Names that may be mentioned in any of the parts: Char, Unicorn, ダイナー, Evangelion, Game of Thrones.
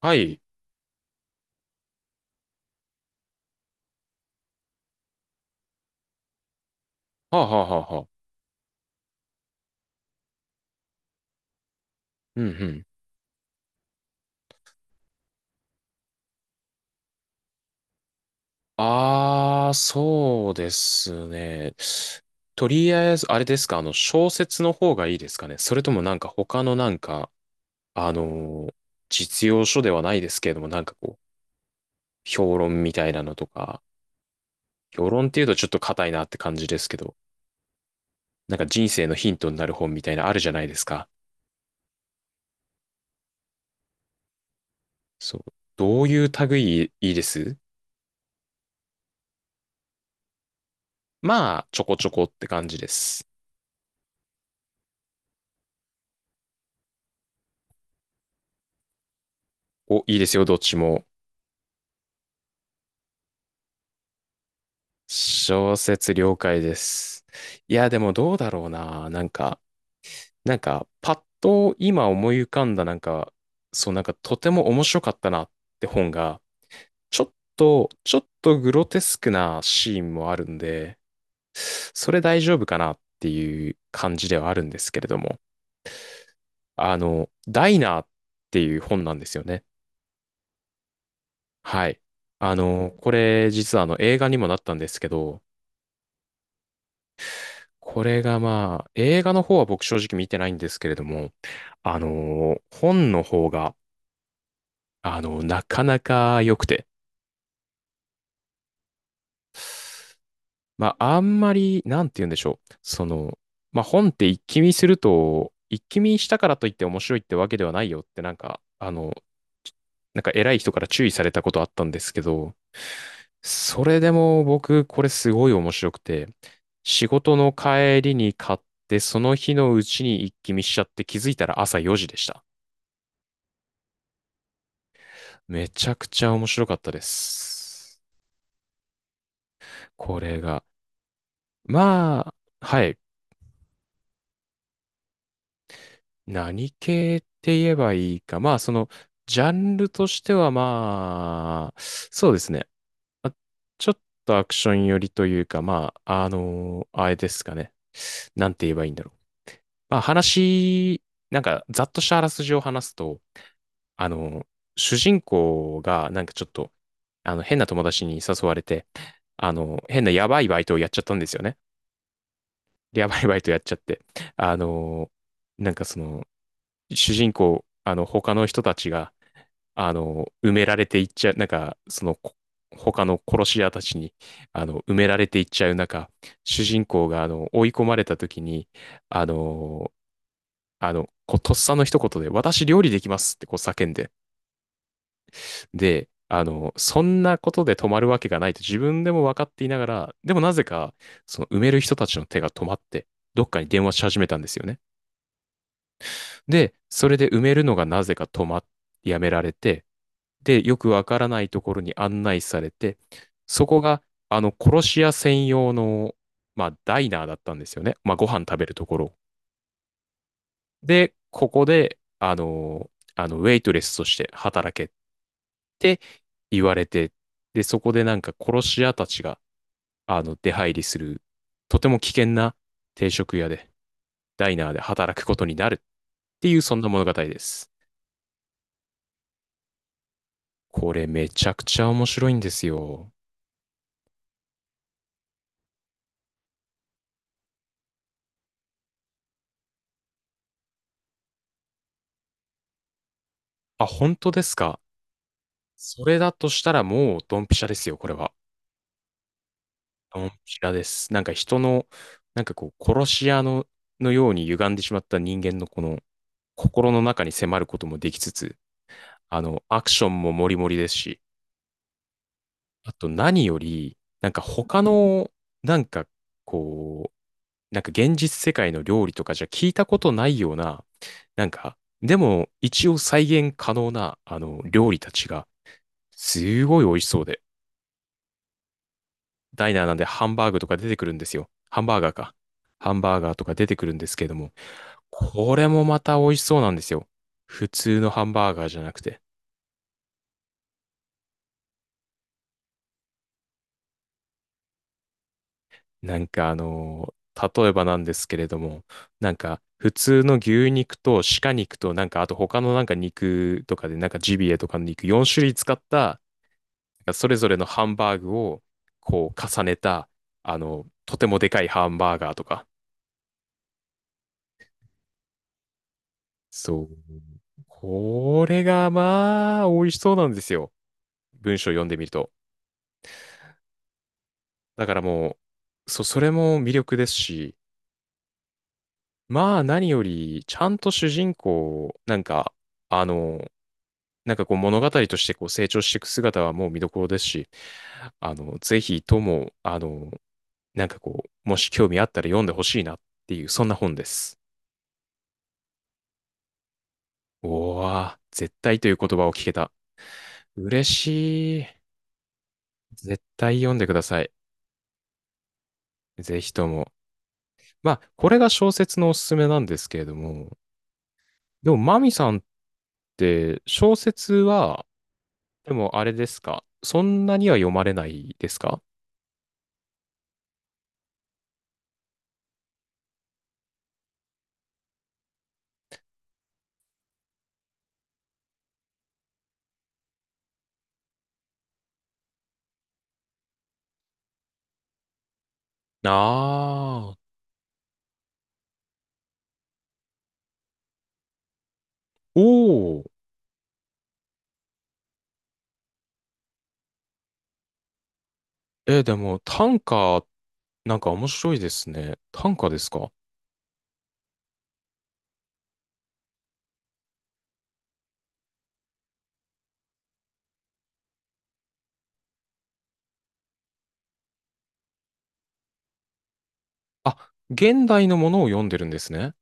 はい。はあ、はあはあはあ。うんうん。ああ、そうですね。とりあえず、あれですか、小説の方がいいですかね。それともなんか他のなんか、あのー実用書ではないですけれども、なんかこう、評論みたいなのとか、評論っていうとちょっと硬いなって感じですけど、なんか人生のヒントになる本みたいなあるじゃないですか。そう。どういう類いいです？まあ、ちょこちょこって感じです。お、いいですよ、どっちも。小説了解です。いや、でもどうだろうな。なんか、なんか、パッと今思い浮かんだ、なんか、そう、なんかとても面白かったなって本が、ちょっとグロテスクなシーンもあるんで、それ大丈夫かなっていう感じではあるんですけれども、ダイナーっていう本なんですよね。はい。これ実はあの映画にもなったんですけど、これがまあ、映画の方は僕正直見てないんですけれども、あの本の方が、なかなか良くて、まあ、あんまり、なんて言うんでしょう。その、まあ、本って一気見すると、一気見したからといって面白いってわけではないよって、なんか、なんか偉い人から注意されたことあったんですけど、それでも僕、これすごい面白くて、仕事の帰りに買って、その日のうちに一気見しちゃって気づいたら朝4時でした。めちゃくちゃ面白かったです。これが。まあ、はい。何系って言えばいいか。まあ、その、ジャンルとしてはまあ、そうですね。あちょっとアクション寄りというか、まあ、あのあれですかね。なんて言えばいいんだろう。まあ、話、なんか、ざっとしたあらすじを話すと、あの主人公が、なんかちょっと、変な友達に誘われて、変なやばいバイトをやっちゃったんですよね。リアバイバイとやっちゃって、あのなんかその、主人公、他の人たちが、埋められていっちゃう、なんか、その、他の殺し屋たちに、埋められていっちゃう中、主人公が、追い込まれた時に、あのーこう、とっさの一言で、私料理できますってこう叫んで、で、そんなことで止まるわけがないと自分でも分かっていながら、でもなぜか、その埋める人たちの手が止まって、どっかに電話し始めたんですよね。で、それで埋めるのがなぜか止まっ、やめられて、で、よくわからないところに案内されて、そこが、殺し屋専用の、まあ、ダイナーだったんですよね。まあ、ご飯食べるところ。で、ここで、ウェイトレスとして働けって言われて、で、そこでなんか殺し屋たちが、出入りする、とても危険な定食屋で、ダイナーで働くことになるっていう、そんな物語です。これめちゃくちゃ面白いんですよ。あ、本当ですか？それだとしたらもうドンピシャですよ、これは。ドンピシャです。なんか人の、なんかこう、殺し屋の、のように歪んでしまった人間のこの心の中に迫ることもできつつ、アクションもモリモリですし、あと何より、なんか他の、なんかこう、なんか現実世界の料理とかじゃ聞いたことないような、なんか、でも一応再現可能なあの料理たちがすごい美味しそうで、ダイナーなんでハンバーグとか出てくるんですよ。ハンバーガーか。ハンバーガーとか出てくるんですけれども、これもまた美味しそうなんですよ。普通のハンバーガーじゃなくて。なんか例えばなんですけれども、なんか普通の牛肉と鹿肉となんかあと他のなんか肉とかでなんかジビエとかの肉4種類使ったそれぞれのハンバーグをこう重ねた、とてもでかいハンバーガーとか。そう。これがまあ、美味しそうなんですよ。文章読んでみると。だからもう、そ、それも魅力ですし、まあ何より、ちゃんと主人公、なんか、あの、なんかこう物語としてこう成長していく姿はもう見どころですし、ぜひとも、なんかこう、もし興味あったら読んでほしいなっていう、そんな本です。おー、絶対という言葉を聞けた。嬉しい。絶対読んでください。ぜひとも。まあ、これが小説のおすすめなんですけれども。でも、マミさんって小説は、でもあれですかそんなには読まれないですか？ああー。おおえ、でも短歌、なんか面白いですね。短歌ですか？あ、現代のものを読んでるんですね。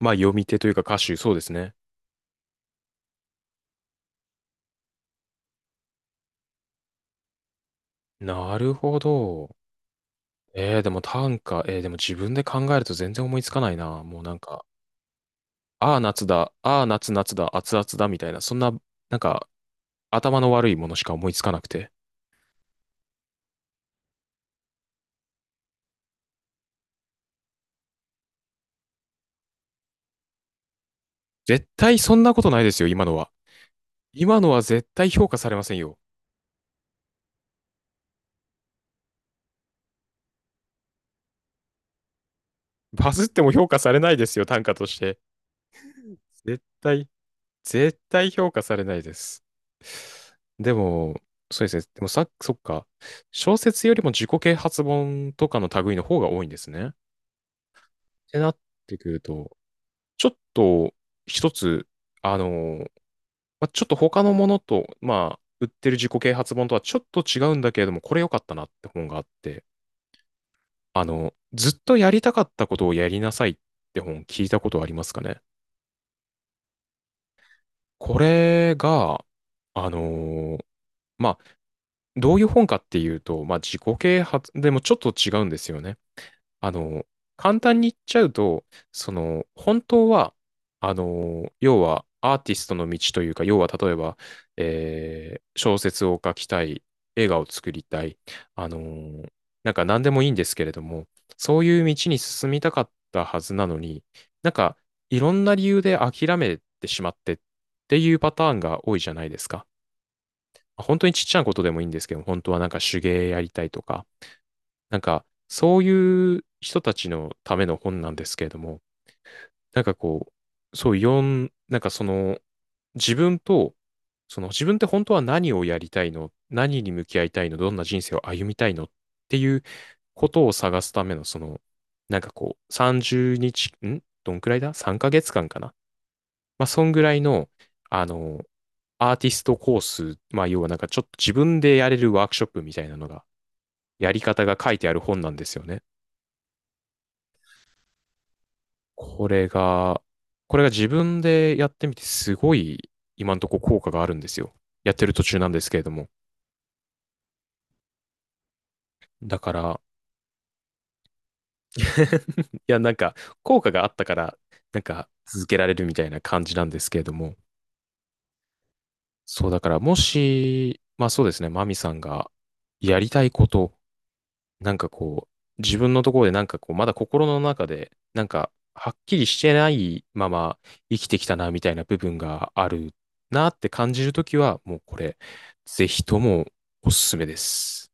まあ、読み手というか歌手、そうですね。なるほど。えー、でも短歌、えー、でも自分で考えると全然思いつかないな。もうなんか、ああ、夏だ、ああ、夏、夏だ、熱々だ、みたいな、そんな、なんか、頭の悪いものしか思いつかなくて。絶対そんなことないですよ、今のは。今のは絶対評価されませんよ。バズっても評価されないですよ、短歌として。絶対、絶対評価されないです。でも、そうですね。でもさ、そっか。小説よりも自己啓発本とかの類の方が多いんですね。ってなってくると、ちょっと一つ、あのまあ、ちょっと他のものと、まあ、売ってる自己啓発本とはちょっと違うんだけれども、これ良かったなって本があって、ずっとやりたかったことをやりなさいって本聞いたことありますかね。これが、あのーまあ、どういう本かっていうと、まあ、自己啓発でもちょっと違うんですよね。あの、簡単に言っちゃうと、その、本当は、要は、アーティストの道というか、要は、例えば、えー小説を書きたい、映画を作りたい、あの、なんか何でもいいんですけれども、そういう道に進みたかったはずなのに、なんか、いろんな理由で諦めてしまってっていうパターンが多いじゃないですか。本当にちっちゃなことでもいいんですけど、本当はなんか手芸やりたいとか、なんか、そういう人たちのための本なんですけれども、なんかこう、そう、読ん、なんかその、自分と、その自分って本当は何をやりたいの、何に向き合いたいの、どんな人生を歩みたいのっていうことを探すための、その、なんかこう、30日、んどんくらいだ？ 3 ヶ月間かな。まあ、そんぐらいの、あの、アーティストコース、まあ、要はなんかちょっと自分でやれるワークショップみたいなのが、やり方が書いてある本なんですよね。これが、これが自分でやってみてすごい今のところ効果があるんですよ。やってる途中なんですけれども。だから、いやなんか効果があったから、なんか続けられるみたいな感じなんですけれども。そうだからもし、まあそうですね、マミさんがやりたいことなんかこう、自分のところでなんかこう、まだ心の中で、なんか、はっきりしてないまま生きてきたな、みたいな部分があるなって感じるときは、もうこれ、ぜひともおすすめです。